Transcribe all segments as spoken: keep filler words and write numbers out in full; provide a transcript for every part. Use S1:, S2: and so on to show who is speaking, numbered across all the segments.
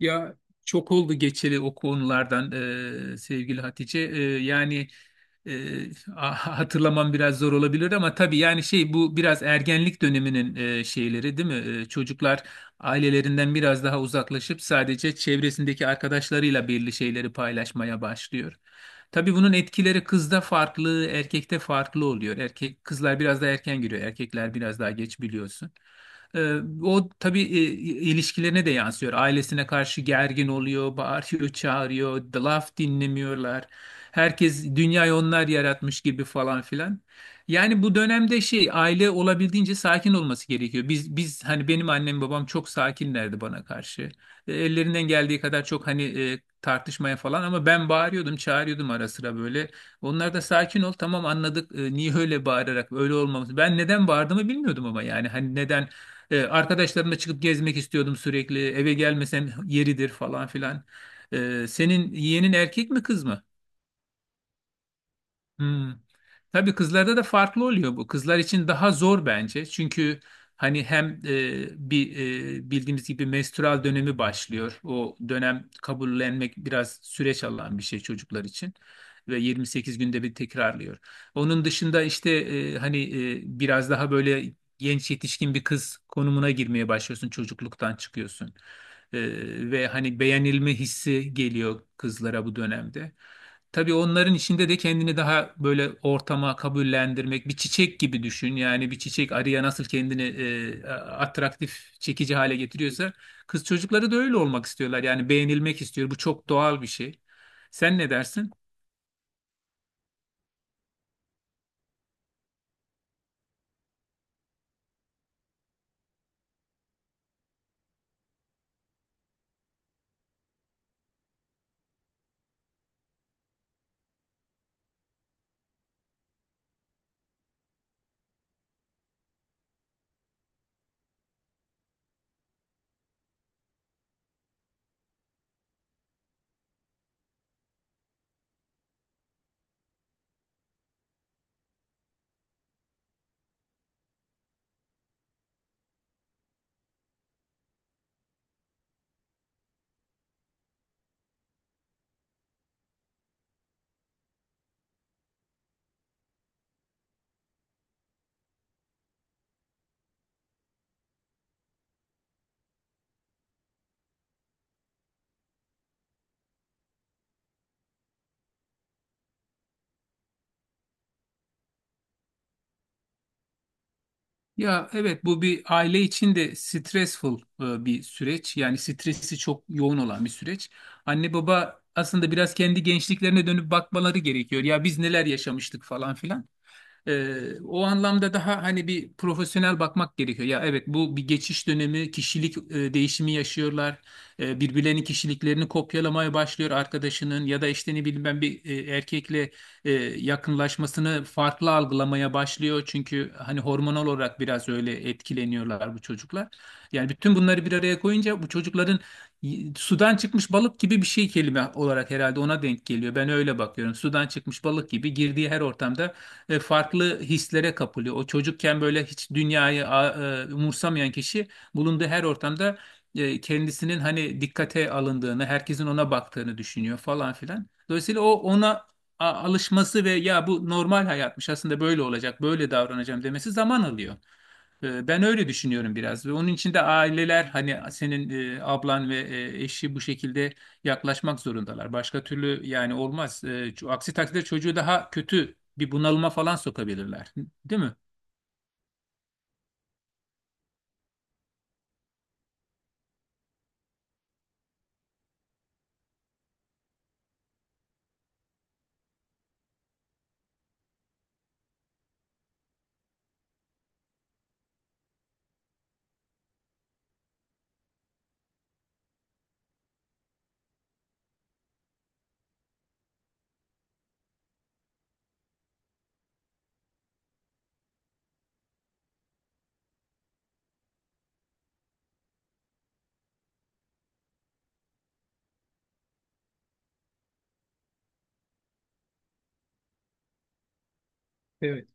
S1: Ya çok oldu geçeli o konulardan e, sevgili Hatice. E, yani e, a- Hatırlamam biraz zor olabilir ama tabii yani şey bu biraz ergenlik döneminin e, şeyleri değil mi? E, çocuklar ailelerinden biraz daha uzaklaşıp sadece çevresindeki arkadaşlarıyla belli şeyleri paylaşmaya başlıyor. Tabii bunun etkileri kızda farklı, erkekte farklı oluyor. Erkek kızlar biraz daha erken giriyor, erkekler biraz daha geç biliyorsun. Ee, O tabii e, ilişkilerine de yansıyor. Ailesine karşı gergin oluyor, bağırıyor, çağırıyor, laf dinlemiyorlar. Herkes dünyayı onlar yaratmış gibi falan filan. Yani bu dönemde şey aile olabildiğince sakin olması gerekiyor. Biz biz hani benim annem babam çok sakinlerdi bana karşı. E, Ellerinden geldiği kadar çok hani e, tartışmaya falan ama ben bağırıyordum, çağırıyordum ara sıra böyle. Onlar da sakin ol tamam anladık e, niye öyle bağırarak öyle olmamız. Ben neden bağırdığımı bilmiyordum ama yani hani neden ee, arkadaşlarımla çıkıp gezmek istiyordum sürekli. Eve gelmesem yeridir falan filan. Ee, senin yeğenin erkek mi kız mı? Hmm. Tabii kızlarda da farklı oluyor bu. Kızlar için daha zor bence. Çünkü hani hem e, bir e, bildiğimiz gibi menstrual dönemi başlıyor. O dönem kabullenmek biraz süreç alan bir şey çocuklar için ve yirmi sekiz günde bir tekrarlıyor. Onun dışında işte e, hani e, biraz daha böyle genç yetişkin bir kız konumuna girmeye başlıyorsun. Çocukluktan çıkıyorsun. E, Ve hani beğenilme hissi geliyor kızlara bu dönemde. Tabii onların içinde de kendini daha böyle ortama kabullendirmek, bir çiçek gibi düşün. Yani bir çiçek arıya nasıl kendini e, atraktif, çekici hale getiriyorsa kız çocukları da öyle olmak istiyorlar. Yani beğenilmek istiyor. Bu çok doğal bir şey. Sen ne dersin? Ya evet bu bir aile için de stressful e, bir süreç. Yani stresi çok yoğun olan bir süreç. Anne baba aslında biraz kendi gençliklerine dönüp bakmaları gerekiyor. Ya biz neler yaşamıştık falan filan. Ee, o anlamda daha hani bir profesyonel bakmak gerekiyor. Ya evet bu bir geçiş dönemi, kişilik e, değişimi yaşıyorlar. Ee, birbirlerinin kişiliklerini kopyalamaya başlıyor arkadaşının ya da işte ne bileyim ben bir e, erkekle e, yakınlaşmasını farklı algılamaya başlıyor. Çünkü hani hormonal olarak biraz öyle etkileniyorlar bu çocuklar. Yani bütün bunları bir araya koyunca bu çocukların y- sudan çıkmış balık gibi bir şey kelime olarak herhalde ona denk geliyor. Ben öyle bakıyorum. Sudan çıkmış balık gibi girdiği her ortamda e, farklı hislere kapılıyor. O çocukken böyle hiç dünyayı a- e, umursamayan kişi bulunduğu her ortamda e, kendisinin hani dikkate alındığını, herkesin ona baktığını düşünüyor falan filan. Dolayısıyla o ona a- alışması ve ya bu normal hayatmış aslında böyle olacak, böyle davranacağım demesi zaman alıyor. Ee, Ben öyle düşünüyorum biraz ve onun için de aileler hani senin e, ablan ve e, eşi bu şekilde yaklaşmak zorundalar. Başka türlü yani olmaz. E, ço- aksi takdirde çocuğu daha kötü bir bunalıma falan sokabilirler. Değil mi? Evet.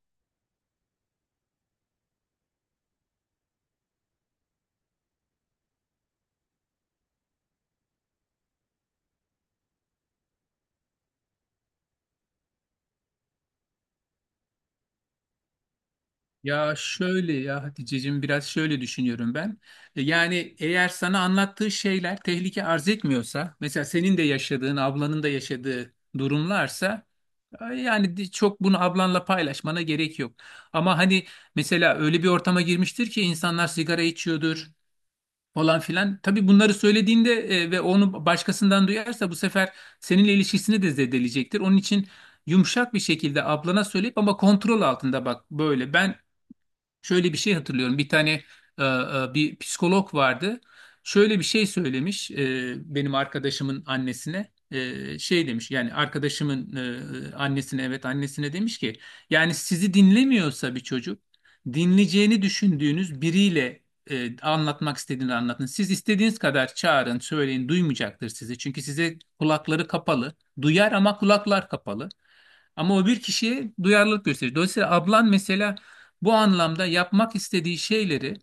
S1: Ya şöyle ya Hatice'cim biraz şöyle düşünüyorum ben. E, Yani eğer sana anlattığı şeyler tehlike arz etmiyorsa, mesela senin de yaşadığın, ablanın da yaşadığı durumlarsa yani di- çok bunu ablanla paylaşmana gerek yok. Ama hani mesela öyle bir ortama girmiştir ki insanlar sigara içiyordur falan filan. Tabii bunları söylediğinde e, ve onu başkasından duyarsa bu sefer seninle ilişkisini de zedeleyecektir. Onun için yumuşak bir şekilde ablana söyleyip ama kontrol altında bak böyle. Ben şöyle bir şey hatırlıyorum. Bir tane e, e, bir psikolog vardı. Şöyle bir şey söylemiş e, benim arkadaşımın annesine. E, şey demiş yani arkadaşımın e, e, annesine evet annesine demiş ki yani sizi dinlemiyorsa bir çocuk dinleyeceğini düşündüğünüz biriyle e, anlatmak istediğini anlatın. Siz istediğiniz kadar çağırın, söyleyin duymayacaktır sizi. Çünkü size kulakları kapalı. Duyar ama kulaklar kapalı. Ama o bir kişiye duyarlılık gösterir. Dolayısıyla ablan mesela bu anlamda yapmak istediği şeyleri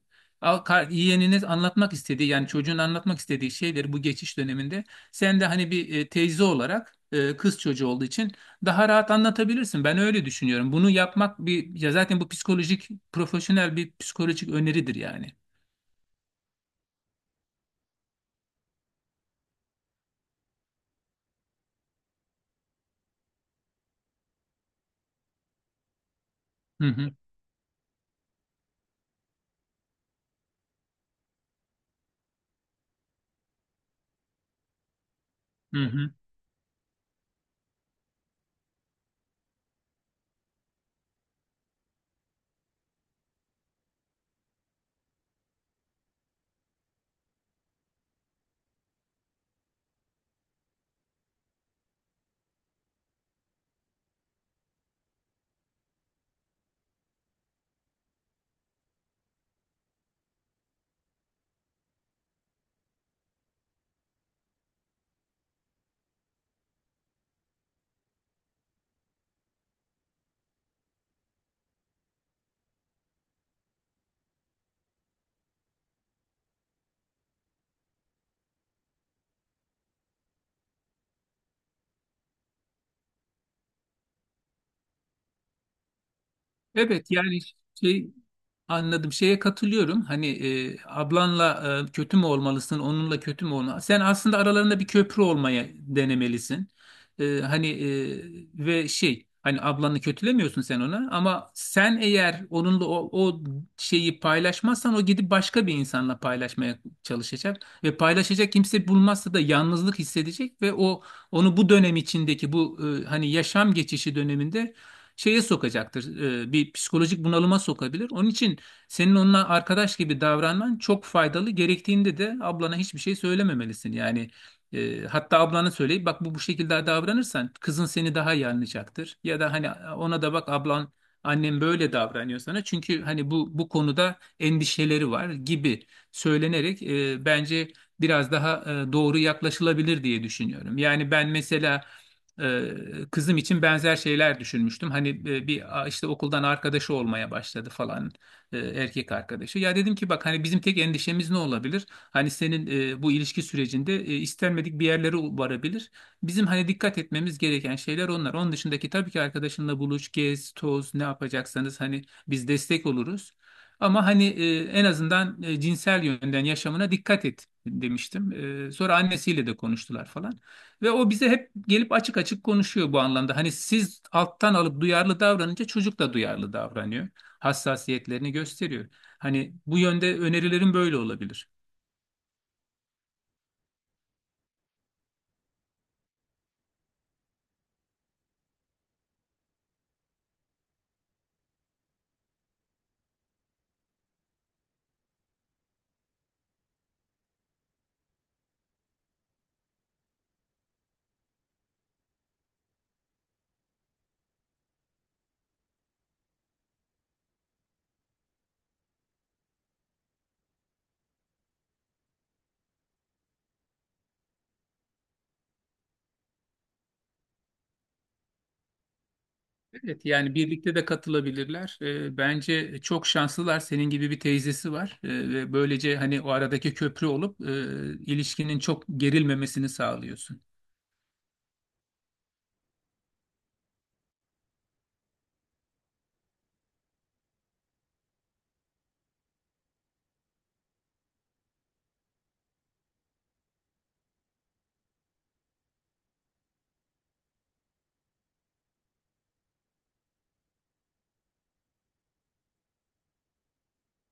S1: al- kar- yeğenine anlatmak istediği yani çocuğun anlatmak istediği şeyleri bu geçiş döneminde sen de hani bir e, teyze olarak e, kız çocuğu olduğu için daha rahat anlatabilirsin. Ben öyle düşünüyorum. Bunu yapmak bir ya zaten bu psikolojik profesyonel bir psikolojik öneridir yani. Hı hı, hı hı. Evet yani şey anladım. Şeye katılıyorum. Hani e, ablanla e, kötü mü olmalısın, onunla kötü mü olmalısın? Sen aslında aralarında bir köprü olmaya denemelisin. E, hani e, ve şey, hani ablanı kötülemiyorsun sen ona ama sen eğer onunla o, o şeyi paylaşmazsan o gidip başka bir insanla paylaşmaya çalışacak ve paylaşacak kimse bulmazsa da yalnızlık hissedecek ve o onu bu dönem içindeki bu e, hani yaşam geçişi döneminde şeye sokacaktır. e, Bir psikolojik bunalıma sokabilir. Onun için senin onunla arkadaş gibi davranman çok faydalı. Gerektiğinde de ablana hiçbir şey söylememelisin. Yani e, hatta ablana söyleyip bak bu bu şekilde davranırsan kızın seni daha iyi anlayacaktır. Ya da hani ona da bak ablan annem böyle davranıyor sana. Çünkü hani bu bu konuda endişeleri var gibi söylenerek e, bence biraz daha e, doğru yaklaşılabilir diye düşünüyorum. Yani ben mesela e, kızım için benzer şeyler düşünmüştüm. Hani e, bir a, işte okuldan arkadaşı olmaya başladı falan e, erkek arkadaşı. Ya dedim ki bak hani bizim tek endişemiz ne olabilir? Hani senin e, bu ilişki sürecinde e, istenmedik bir yerlere varabilir. Bizim hani dikkat etmemiz gereken şeyler onlar. Onun dışındaki tabii ki arkadaşınla buluş, gez, toz ne yapacaksanız hani biz destek oluruz. Ama hani e, en azından e, cinsel yönden yaşamına dikkat et demiştim. E, sonra annesiyle de konuştular falan. Ve o bize hep gelip açık açık konuşuyor bu anlamda. Hani siz alttan alıp duyarlı davranınca çocuk da duyarlı davranıyor, hassasiyetlerini gösteriyor. Hani bu yönde önerilerim böyle olabilir. Evet yani birlikte de katılabilirler. Ee, bence çok şanslılar. Senin gibi bir teyzesi var. Ee, ve böylece hani o aradaki köprü olup e, ilişkinin çok gerilmemesini sağlıyorsun.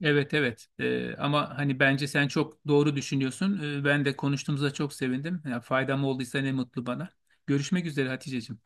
S1: Evet, evet. Ee, ama hani bence sen çok doğru düşünüyorsun. Ee, ben de konuştuğumuza çok sevindim. Ya faydam olduysa ne mutlu bana. Görüşmek üzere Haticeciğim.